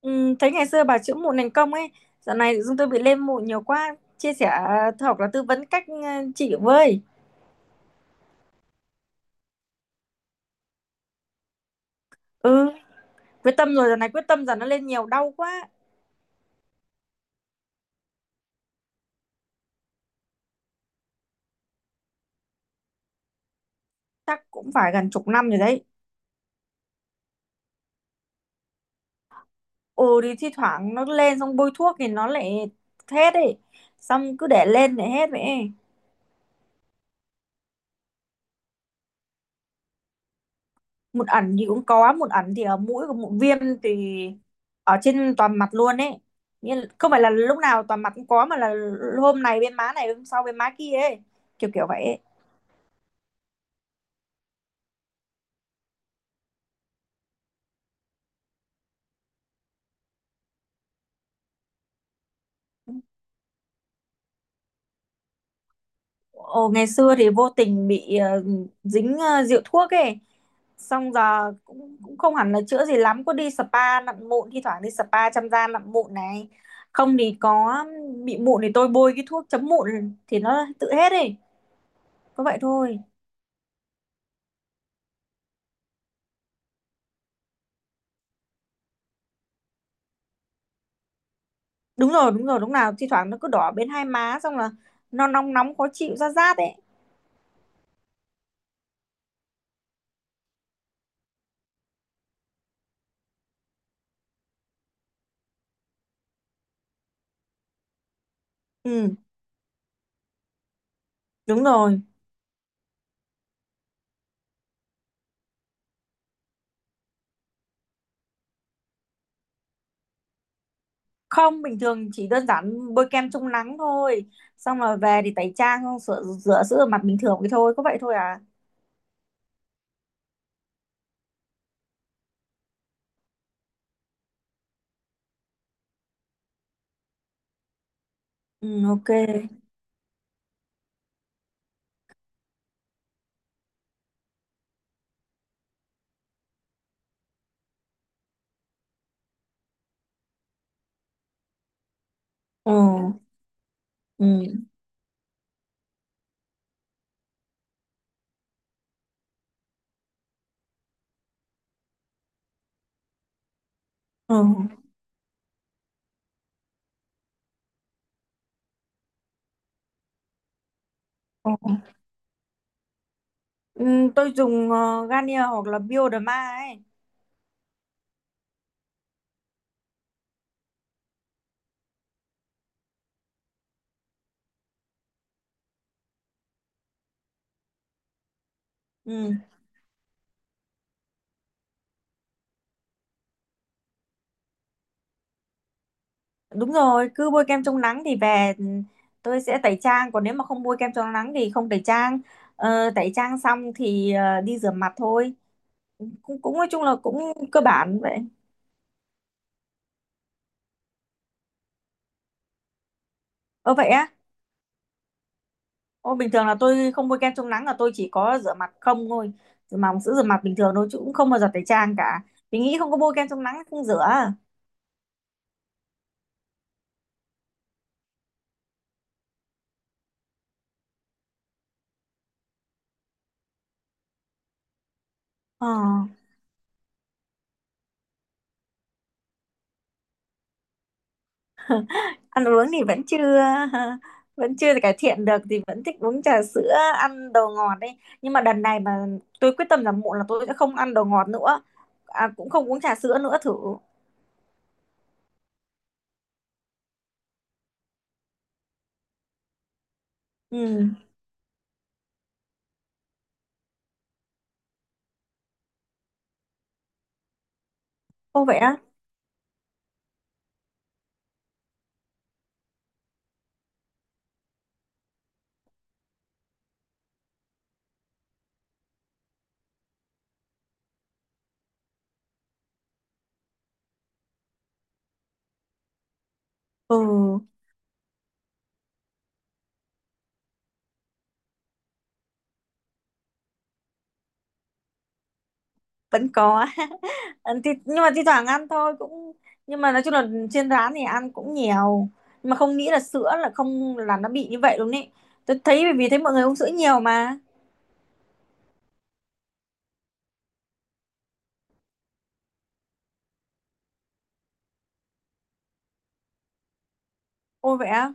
Ừ, thấy ngày xưa bà chữa mụn thành công ấy, dạo này chúng tôi bị lên mụn nhiều quá, chia sẻ hoặc là tư vấn cách trị với. Ừ, quyết tâm rồi, dạo này quyết tâm giờ nó lên nhiều đau quá, chắc cũng phải gần chục năm rồi đấy. Ừ thì thi thoảng nó lên xong bôi thuốc thì nó lại hết ấy, xong cứ để lên để hết vậy ấy. Mụn ẩn thì cũng có, mụn ẩn thì ở mũi, của mụn viêm thì ở trên toàn mặt luôn ấy. Nhưng không phải là lúc nào toàn mặt cũng có, mà là hôm này bên má này, hôm sau bên má kia ấy, kiểu kiểu vậy ấy. Ồ, ngày xưa thì vô tình bị dính rượu thuốc ấy, xong giờ cũng cũng không hẳn là chữa gì lắm, có đi spa nặn mụn, thi thoảng đi spa chăm da nặn mụn này, không thì có bị mụn thì tôi bôi cái thuốc chấm mụn thì nó tự hết ấy, có vậy thôi. Đúng rồi, đúng rồi, đúng. Nào thi thoảng nó cứ đỏ bên hai má, xong là nó nóng nóng khó chịu, ra rát ấy. Ừ, đúng rồi. Không, bình thường chỉ đơn giản bôi kem chống nắng thôi, xong rồi về thì tẩy trang, xong sửa rửa sữa mặt bình thường cái thôi, có vậy thôi à. Ừ, ok. Ờ. Ừ, ờ. Ờ. Ừ, tôi dùng Garnier hoặc là Bioderma ấy. Ừ, đúng rồi, cứ bôi kem chống nắng thì về, tôi sẽ tẩy trang. Còn nếu mà không bôi kem chống nắng thì không tẩy trang. Ờ, tẩy trang xong thì đi rửa mặt thôi. Cũng nói chung là cũng cơ bản vậy. Ờ vậy á? Ô, bình thường là tôi không bôi kem chống nắng là tôi chỉ có rửa mặt không thôi. Rửa mặt bằng sữa rửa mặt bình thường thôi, chứ cũng không bao giờ tẩy trang cả. Vì nghĩ không có bôi kem chống nắng không rửa. Ờ. Ăn uống thì vẫn chưa vẫn chưa cải thiện được, thì vẫn thích uống trà sữa, ăn đồ ngọt đấy, nhưng mà đợt này mà tôi quyết tâm rằng muộn là tôi sẽ không ăn đồ ngọt nữa, à, cũng không uống trà sữa nữa thử. Ừ. Ô vậy á? Ừ. Vẫn có. Ăn thì, nhưng mà thi thoảng ăn thôi, cũng nhưng mà nói chung là trên rán thì ăn cũng nhiều, nhưng mà không nghĩ là sữa là không, là nó bị như vậy luôn ấy. Tôi thấy bởi vì thấy mọi người uống sữa nhiều mà. Ô vậy á?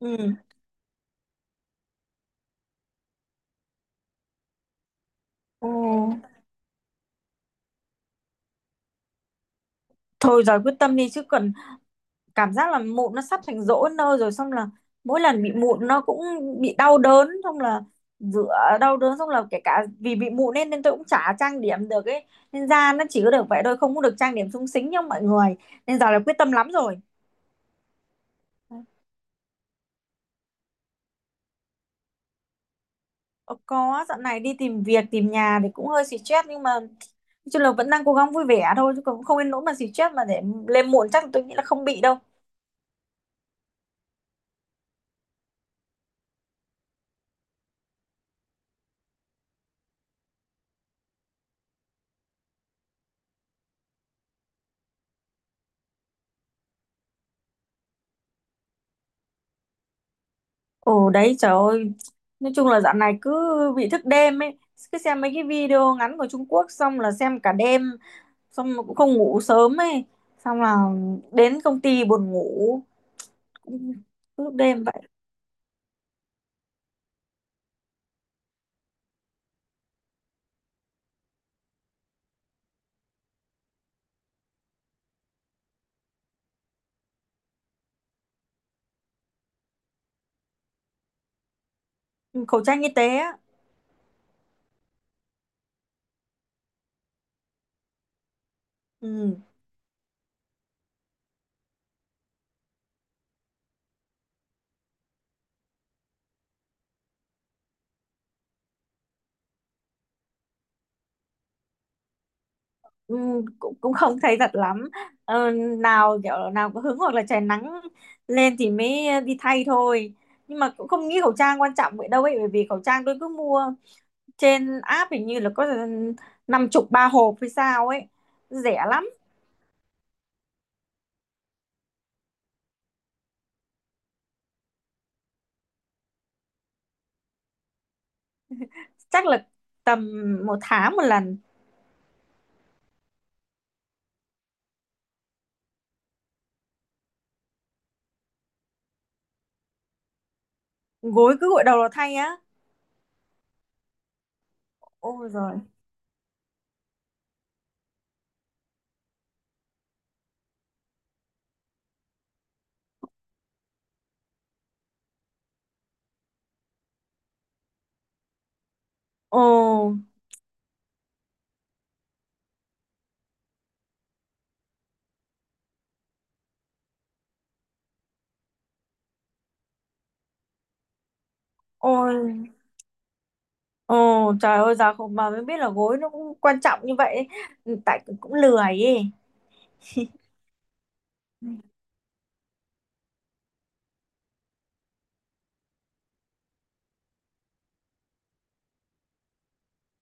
Ừ. Ồ. Thôi rồi, quyết tâm đi chứ, còn cảm giác là mụn nó sắp thành rỗ nơ rồi, xong là mỗi lần bị mụn nó cũng bị đau đớn, xong là rửa đau đớn, xong là kể cả vì bị mụn nên nên tôi cũng chả trang điểm được ấy, nên da nó chỉ có được vậy thôi, không có được trang điểm xúng xính như mọi người, nên giờ là quyết tâm lắm rồi. Ờ, có, dạo này đi tìm việc tìm nhà thì cũng hơi stress, nhưng mà nói chung là vẫn đang cố gắng vui vẻ thôi, chứ cũng không nên nỗi mà stress mà để lên muộn, chắc tôi nghĩ là không bị đâu. Ồ đấy trời ơi. Nói chung là dạo này cứ bị thức đêm ấy. Cứ xem mấy cái video ngắn của Trung Quốc, xong là xem cả đêm. Xong mà cũng không ngủ sớm ấy. Xong là đến công ty buồn ngủ. Cũng cứ lúc đêm vậy. Ừ, khẩu trang y tế á. Ừ. Ừ, cũng không thấy thật lắm. ờ, Nào kiểu nào có hứng hoặc là trời nắng lên thì mới đi thay thôi. Nhưng mà cũng không nghĩ khẩu trang quan trọng vậy đâu ấy. Bởi vì khẩu trang tôi cứ mua trên app, hình như là có 50 3 hộp hay sao ấy. Rẻ lắm. Chắc là tầm 1 tháng 1 lần. Gối cứ gội đầu là thay á? Ôi rồi. Ồ. Ôi. Ồ trời ơi, giờ không mà mới biết là gối nó cũng quan trọng như vậy ấy. Tại cũng lười ấy.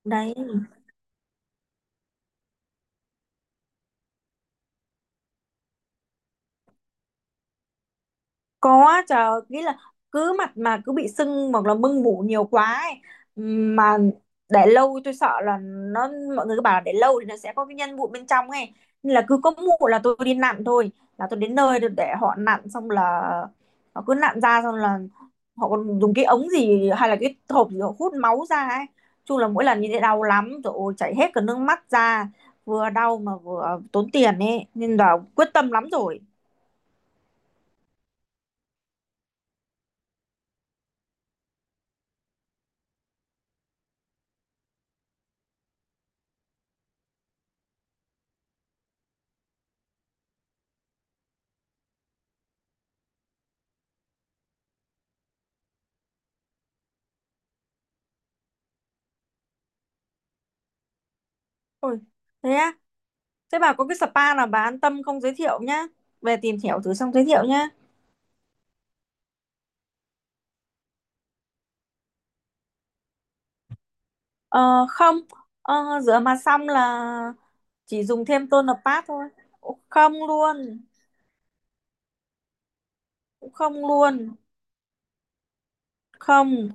Đấy, có, chờ nghĩ là cứ mặt mà cứ bị sưng hoặc là mưng mủ nhiều quá ấy. Mà để lâu tôi sợ là nó, mọi người cứ bảo là để lâu thì nó sẽ có cái nhân mụn bên trong ấy, nên là cứ có mụn là tôi đi nặn thôi, là tôi đến nơi để họ nặn, xong là họ cứ nặn ra, xong là họ còn dùng cái ống gì hay là cái hộp gì họ hút máu ra ấy, chung là mỗi lần như thế đau lắm rồi, ôi chảy hết cả nước mắt ra, vừa đau mà vừa tốn tiền ấy, nên là quyết tâm lắm rồi. Ôi thế á? Thế bà có cái spa nào bà an tâm không, giới thiệu nhá. Về tìm hiểu thử xong giới thiệu nhá. Ờ, không, ờ, rửa mặt xong là chỉ dùng thêm toner pad thôi. Ồ, không luôn, không luôn, không.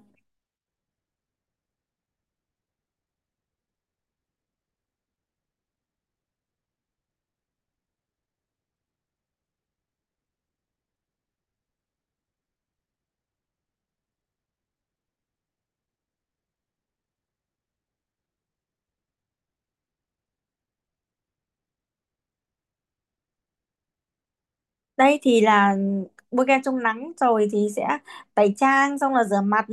Đây thì là bôi kem chống nắng rồi thì sẽ tẩy trang, xong là rửa mặt.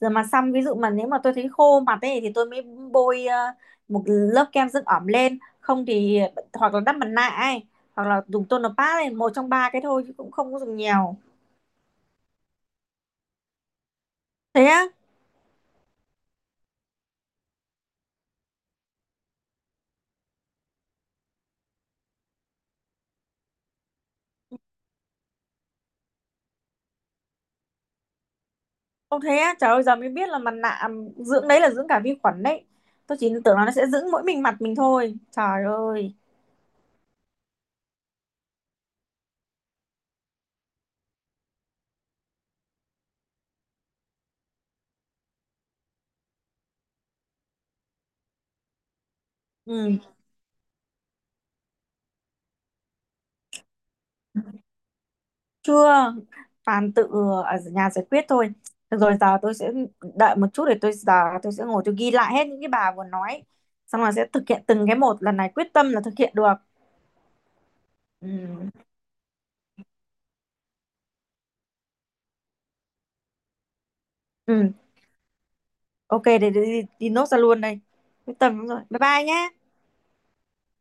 Rửa mặt xong ví dụ mà nếu mà tôi thấy khô mặt ấy thì tôi mới bôi một lớp kem dưỡng ẩm lên. Không thì hoặc là đắp mặt nạ ấy, hoặc là dùng toner pad ấy, một trong ba cái thôi, chứ cũng không có dùng nhiều. Thế á? Ông thế á, trời ơi giờ mới biết là mặt nạ, à, dưỡng đấy là dưỡng cả vi khuẩn đấy, tôi chỉ tưởng là nó sẽ dưỡng mỗi mình mặt mình thôi, trời ơi. Ừ. Chưa, toàn tự ở nhà giải quyết thôi. Được rồi, giờ tôi sẽ đợi một chút, để tôi giờ tôi sẽ ngồi tôi ghi lại hết những cái bà vừa nói, xong rồi sẽ thực hiện từng cái một, lần này quyết tâm là thực hiện được. Ừ. Ừ, ok, để, để đi nốt ra luôn đây. Quyết tâm, đúng rồi, bye bye nhé.